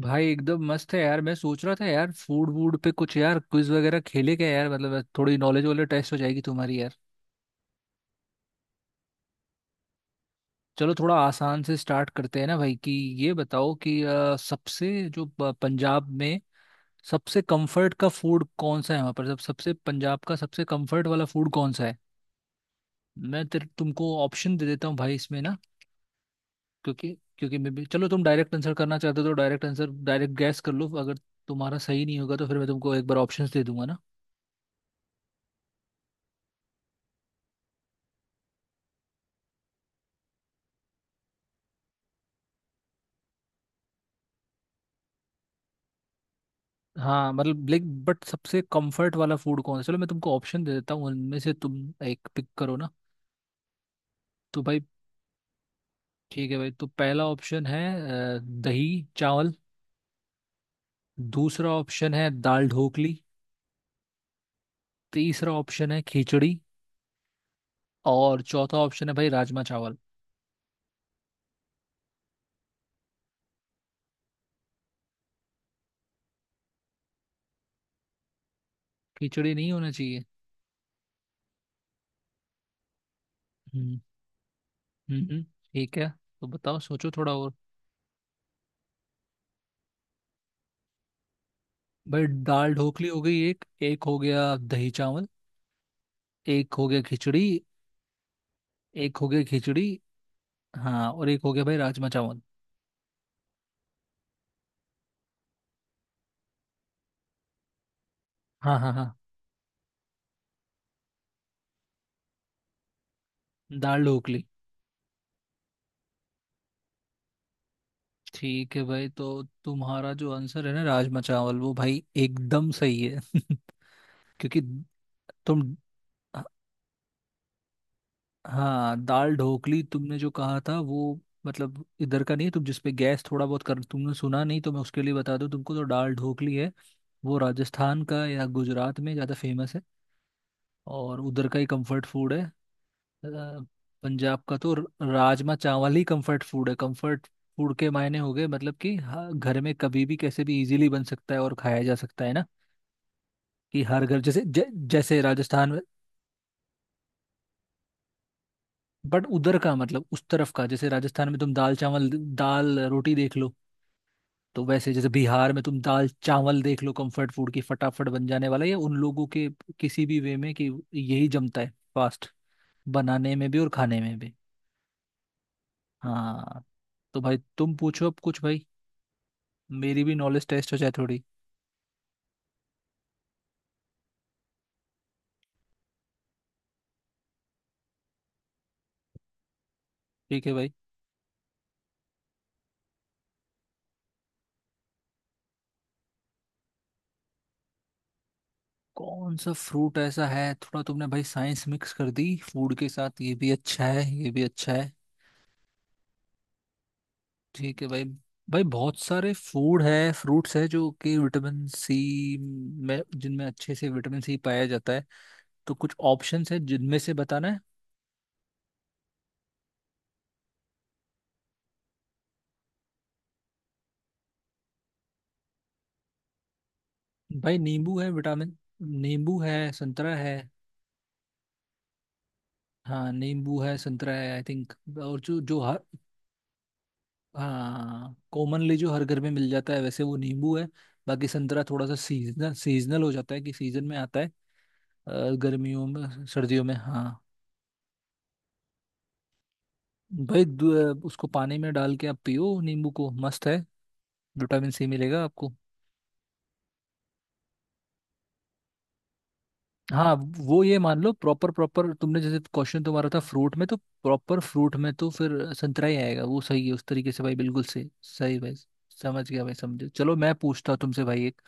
भाई एकदम मस्त है यार। मैं सोच रहा था यार, फूड वूड पे कुछ यार क्विज वगैरह खेले क्या यार। मतलब थोड़ी नॉलेज वाले टेस्ट हो जाएगी तुम्हारी यार। चलो थोड़ा आसान से स्टार्ट करते हैं ना भाई कि ये बताओ कि सबसे जो पंजाब में सबसे कंफर्ट का फूड कौन सा है। वहाँ पर सब सबसे, पंजाब का सबसे कंफर्ट वाला फूड कौन सा है। मैं तेरे तुमको ऑप्शन दे देता हूँ भाई इसमें ना। क्योंकि क्योंकि मैं भी, चलो तुम डायरेक्ट आंसर करना चाहते हो तो डायरेक्ट आंसर, डायरेक्ट गैस कर लो। अगर तुम्हारा सही नहीं होगा तो फिर मैं तुमको एक बार ऑप्शंस दे दूंगा ना। हाँ मतलब लाइक, बट सबसे कंफर्ट वाला फूड कौन सा, चलो मैं तुमको ऑप्शन दे देता हूँ उनमें से तुम एक पिक करो ना। तो भाई ठीक है भाई, तो पहला ऑप्शन है दही चावल। दूसरा ऑप्शन है दाल ढोकली। तीसरा ऑप्शन है खिचड़ी। और चौथा ऑप्शन है भाई राजमा चावल। खिचड़ी नहीं होना चाहिए। हम्म, हम्म, ठीक है। तो बताओ, सोचो थोड़ा और। भाई दाल ढोकली हो गई एक। एक हो गया दही चावल। एक हो गया खिचड़ी। एक हो गया खिचड़ी। हाँ, और एक हो गया भाई राजमा चावल। हाँ, हाँ, हाँ। दाल ढोकली। ठीक है भाई, तो तुम्हारा जो आंसर है ना राजमा चावल, वो भाई एकदम सही है क्योंकि तुम ह- हाँ, दाल ढोकली तुमने जो कहा था वो मतलब इधर का नहीं है। तुम जिसपे गैस थोड़ा बहुत कर, तुमने सुना नहीं तो मैं उसके लिए बता दूं तुमको। तो दाल ढोकली है वो राजस्थान का या गुजरात में ज़्यादा फेमस है, और उधर का ही कंफर्ट फूड है। अ, पंजाब का तो राजमा चावल ही कंफर्ट फूड है। कंफर्ट फूड के मायने हो गए मतलब कि, हाँ, घर में कभी भी कैसे भी इजीली बन सकता है और खाया जा सकता है ना। कि हर घर जैसे जैसे राजस्थान में। बट उधर का मतलब उस तरफ का, जैसे राजस्थान में तुम दाल चावल, दाल रोटी देख लो। तो वैसे जैसे बिहार में तुम दाल चावल देख लो, कंफर्ट फूड की फटाफट बन जाने वाला ये उन लोगों के किसी भी वे में कि यही जमता है फास्ट, बनाने में भी और खाने में भी। हाँ। तो भाई तुम पूछो अब कुछ, भाई मेरी भी नॉलेज टेस्ट हो जाए थोड़ी। ठीक है भाई। कौन सा फ्रूट ऐसा है, थोड़ा तुमने भाई साइंस मिक्स कर दी फूड के साथ। ये भी अच्छा है, ये भी अच्छा है। ठीक है भाई। भाई बहुत सारे फूड है, फ्रूट्स है जो कि विटामिन सी में, जिनमें अच्छे से विटामिन सी पाया जाता है। तो कुछ ऑप्शंस है जिनमें से बताना है। भाई नींबू है विटामिन, नींबू है, संतरा है। हाँ नींबू है, संतरा है, आई थिंक। और जो जो हर, हाँ कॉमनली जो हर घर में मिल जाता है वैसे वो नींबू है। बाकी संतरा थोड़ा सा सीजनल, सीजनल हो जाता है कि सीजन में आता है। अ, गर्मियों में, सर्दियों में, हाँ। भाई उसको पानी में डाल के आप पियो नींबू को, मस्त है, विटामिन सी मिलेगा आपको। हाँ, वो ये मान लो प्रॉपर, प्रॉपर तुमने जैसे क्वेश्चन तुम्हारा था फ्रूट में, तो प्रॉपर फ्रूट में तो फिर संतरा ही आएगा। वो सही है उस तरीके से भाई, बिल्कुल सही, सही भाई। समझ गया भाई, समझे। चलो मैं पूछता हूँ तुमसे भाई एक।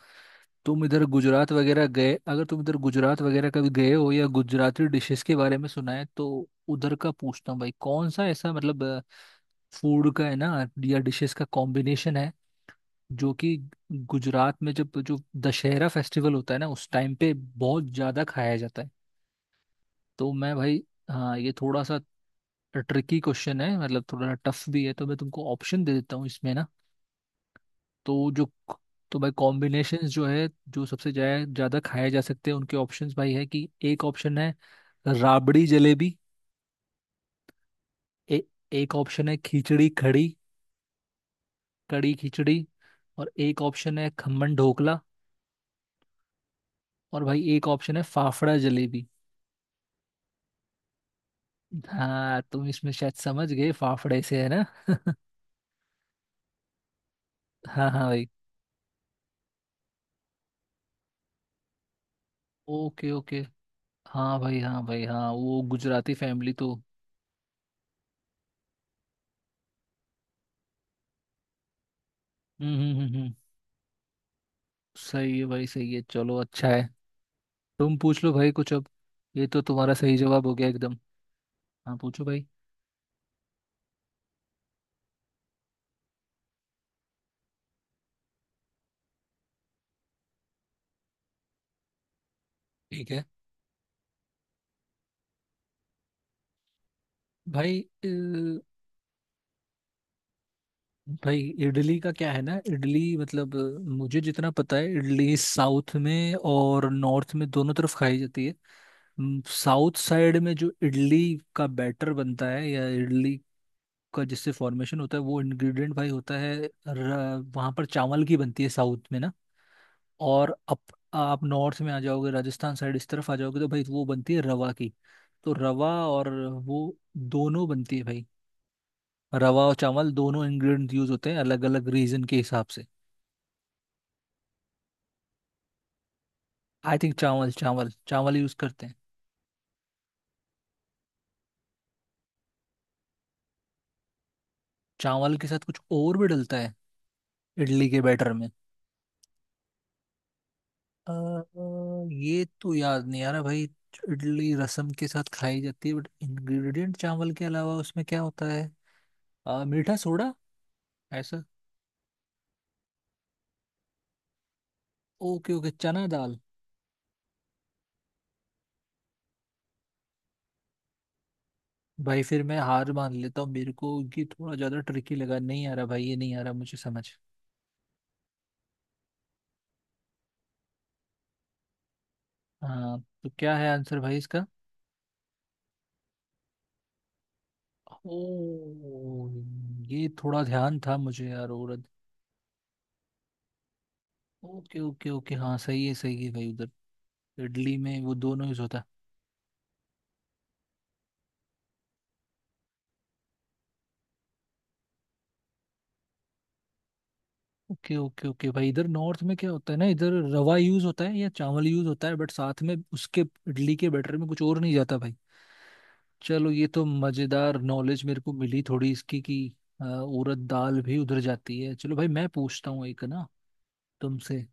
तुम इधर गुजरात वगैरह गए, अगर तुम इधर गुजरात वगैरह कभी गए हो या गुजराती डिशेस के बारे में सुना है तो उधर का पूछता हूँ भाई। कौन सा ऐसा मतलब फूड का है ना, या डिशेस का कॉम्बिनेशन है जो कि गुजरात में, जब जो दशहरा फेस्टिवल होता है ना, उस टाइम पे बहुत ज्यादा खाया जाता है। तो मैं भाई, हाँ ये थोड़ा सा ट्रिकी क्वेश्चन है, मतलब थोड़ा टफ भी है, तो मैं तुमको ऑप्शन दे देता हूँ इसमें ना। तो जो, तो भाई कॉम्बिनेशंस जो है, जो सबसे ज्यादा ज्यादा खाए जा सकते हैं उनके ऑप्शंस भाई है कि, एक ऑप्शन है राबड़ी जलेबी। ए, एक ऑप्शन है खिचड़ी कड़ी, कड़ी खिचड़ी। और एक ऑप्शन है खमन ढोकला। और भाई एक ऑप्शन है फाफड़ा जलेबी। हाँ तुम इसमें शायद समझ गए फाफड़े से, है ना हाँ, हाँ भाई। Okay okay. हाँ भाई, हाँ भाई, हाँ वो गुजराती फैमिली तो। हम्म, हम्म, हम्म, सही है भाई, सही है, चलो अच्छा है। तुम पूछ लो भाई कुछ अब। ये तो तुम्हारा सही जवाब हो गया एकदम। हाँ, पूछो भाई। ठीक है भाई। भाई इडली का क्या है ना, इडली मतलब मुझे जितना पता है, इडली साउथ में और नॉर्थ में दोनों तरफ खाई जाती है। साउथ साइड में जो इडली का बैटर बनता है, या इडली का जिससे फॉर्मेशन होता है वो इंग्रेडिएंट भाई होता है वहाँ पर चावल की बनती है साउथ में ना। और अप आप नॉर्थ में आ जाओगे, राजस्थान साइड इस तरफ आ जाओगे, तो भाई वो बनती है रवा की। तो रवा और वो दोनों बनती है भाई। रवा और चावल दोनों इंग्रेडिएंट यूज होते हैं अलग अलग रीजन के हिसाब से। आई थिंक चावल, चावल चावल यूज करते हैं। चावल के साथ कुछ और भी डलता है इडली के बैटर में। अ, ये तो याद नहीं आ रहा भाई। इडली रसम के साथ खाई जाती है, बट इंग्रेडिएंट चावल के अलावा उसमें क्या होता है। मीठा सोडा ऐसा। ओके ओके, चना दाल। भाई फिर मैं हार मान लेता हूँ, मेरे को ये थोड़ा ज्यादा ट्रिकी लगा, नहीं आ रहा भाई ये, नहीं आ रहा मुझे समझ। हाँ तो क्या है आंसर भाई इसका। ओ, ये थोड़ा ध्यान था मुझे यार, औरत। ओके ओके ओके, हाँ सही है, सही है भाई। उधर इडली में वो दोनों यूज होता है। ओके ओके ओके भाई, इधर नॉर्थ में क्या होता है ना, इधर रवा यूज होता है या चावल यूज होता है, बट साथ में उसके इडली के बैटर में कुछ और नहीं जाता भाई। चलो ये तो मजेदार नॉलेज मेरे को मिली थोड़ी इसकी कि उड़द दाल भी उधर जाती है। चलो भाई मैं पूछता हूँ एक ना तुमसे।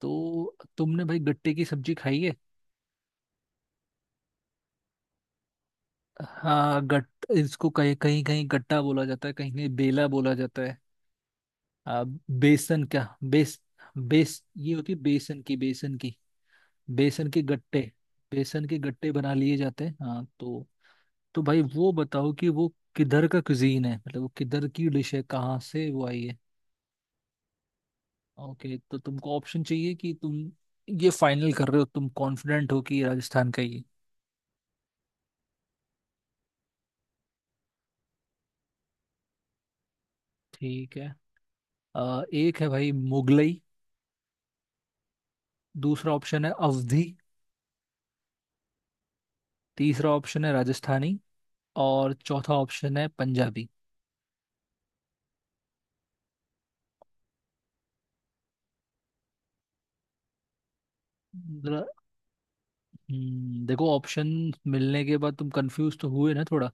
तो तुमने भाई गट्टे की सब्जी खाई है। हाँ, गट इसको कहीं कहीं कहीं गट्टा बोला जाता है, कहीं कहीं बेला बोला जाता है। आ, बेसन क्या, बेस बेस ये होती है बेसन की, बेसन की। बेसन के गट्टे बेसन के गट्टे बना लिए जाते हैं, हाँ। तो भाई वो बताओ कि वो किधर का कुजीन है, मतलब वो किधर की डिश है, कहाँ से वो आई है। ओके, तो तुमको ऑप्शन चाहिए कि तुम ये फाइनल कर रहे हो, तुम कॉन्फिडेंट हो कि ये राजस्थान का ही है। ठीक है। एक है भाई मुगलई। दूसरा ऑप्शन है अवधी। तीसरा ऑप्शन है राजस्थानी। और चौथा ऑप्शन है पंजाबी। मतलब, देखो ऑप्शन मिलने के बाद तुम कंफ्यूज तो हुए ना थोड़ा।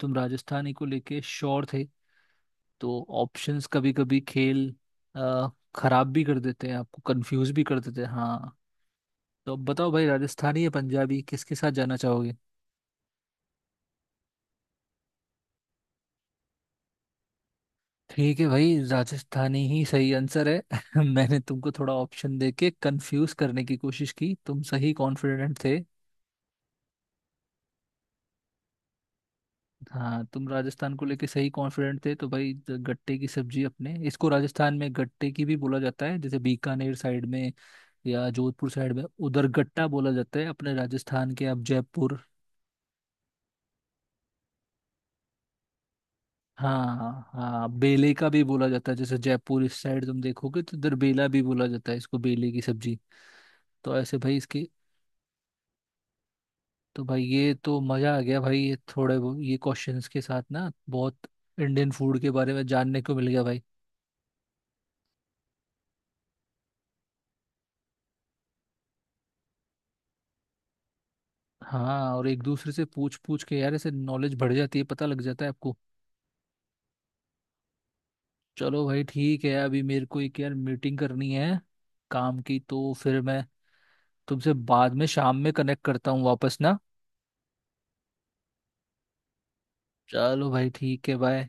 तुम राजस्थानी को लेके श्योर थे। तो ऑप्शंस कभी कभी खेल अ, खराब भी कर देते हैं, आपको कंफ्यूज भी कर देते हैं, हाँ। तो अब बताओ भाई, राजस्थानी या पंजाबी, किसके साथ जाना चाहोगे। ठीक है भाई, राजस्थानी ही सही आंसर है मैंने तुमको थोड़ा ऑप्शन देके कंफ्यूज करने की कोशिश की, तुम सही कॉन्फिडेंट थे। हाँ तुम राजस्थान को लेके सही कॉन्फिडेंट थे, तो भाई गट्टे की सब्जी, अपने इसको राजस्थान में गट्टे की भी बोला जाता है, जैसे बीकानेर साइड में या जोधपुर साइड में उधर गट्टा बोला जाता है। अपने राजस्थान के अब जयपुर, हाँ, हाँ, बेले का भी बोला जाता है, जैसे जयपुर इस साइड तुम देखोगे तो इधर बेला भी बोला जाता है इसको, बेले की सब्जी। तो ऐसे भाई इसकी। तो भाई ये तो मजा आ गया भाई, ये थोड़े ये क्वेश्चंस के साथ ना, बहुत इंडियन फूड के बारे में जानने को मिल गया भाई। हाँ, और एक दूसरे से पूछ पूछ के यार ऐसे नॉलेज बढ़ जाती है, पता लग जाता है आपको। चलो भाई ठीक है, अभी मेरे को एक यार मीटिंग करनी है काम की, तो फिर मैं तुमसे बाद में शाम में कनेक्ट करता हूँ वापस ना। चलो भाई ठीक है, बाय।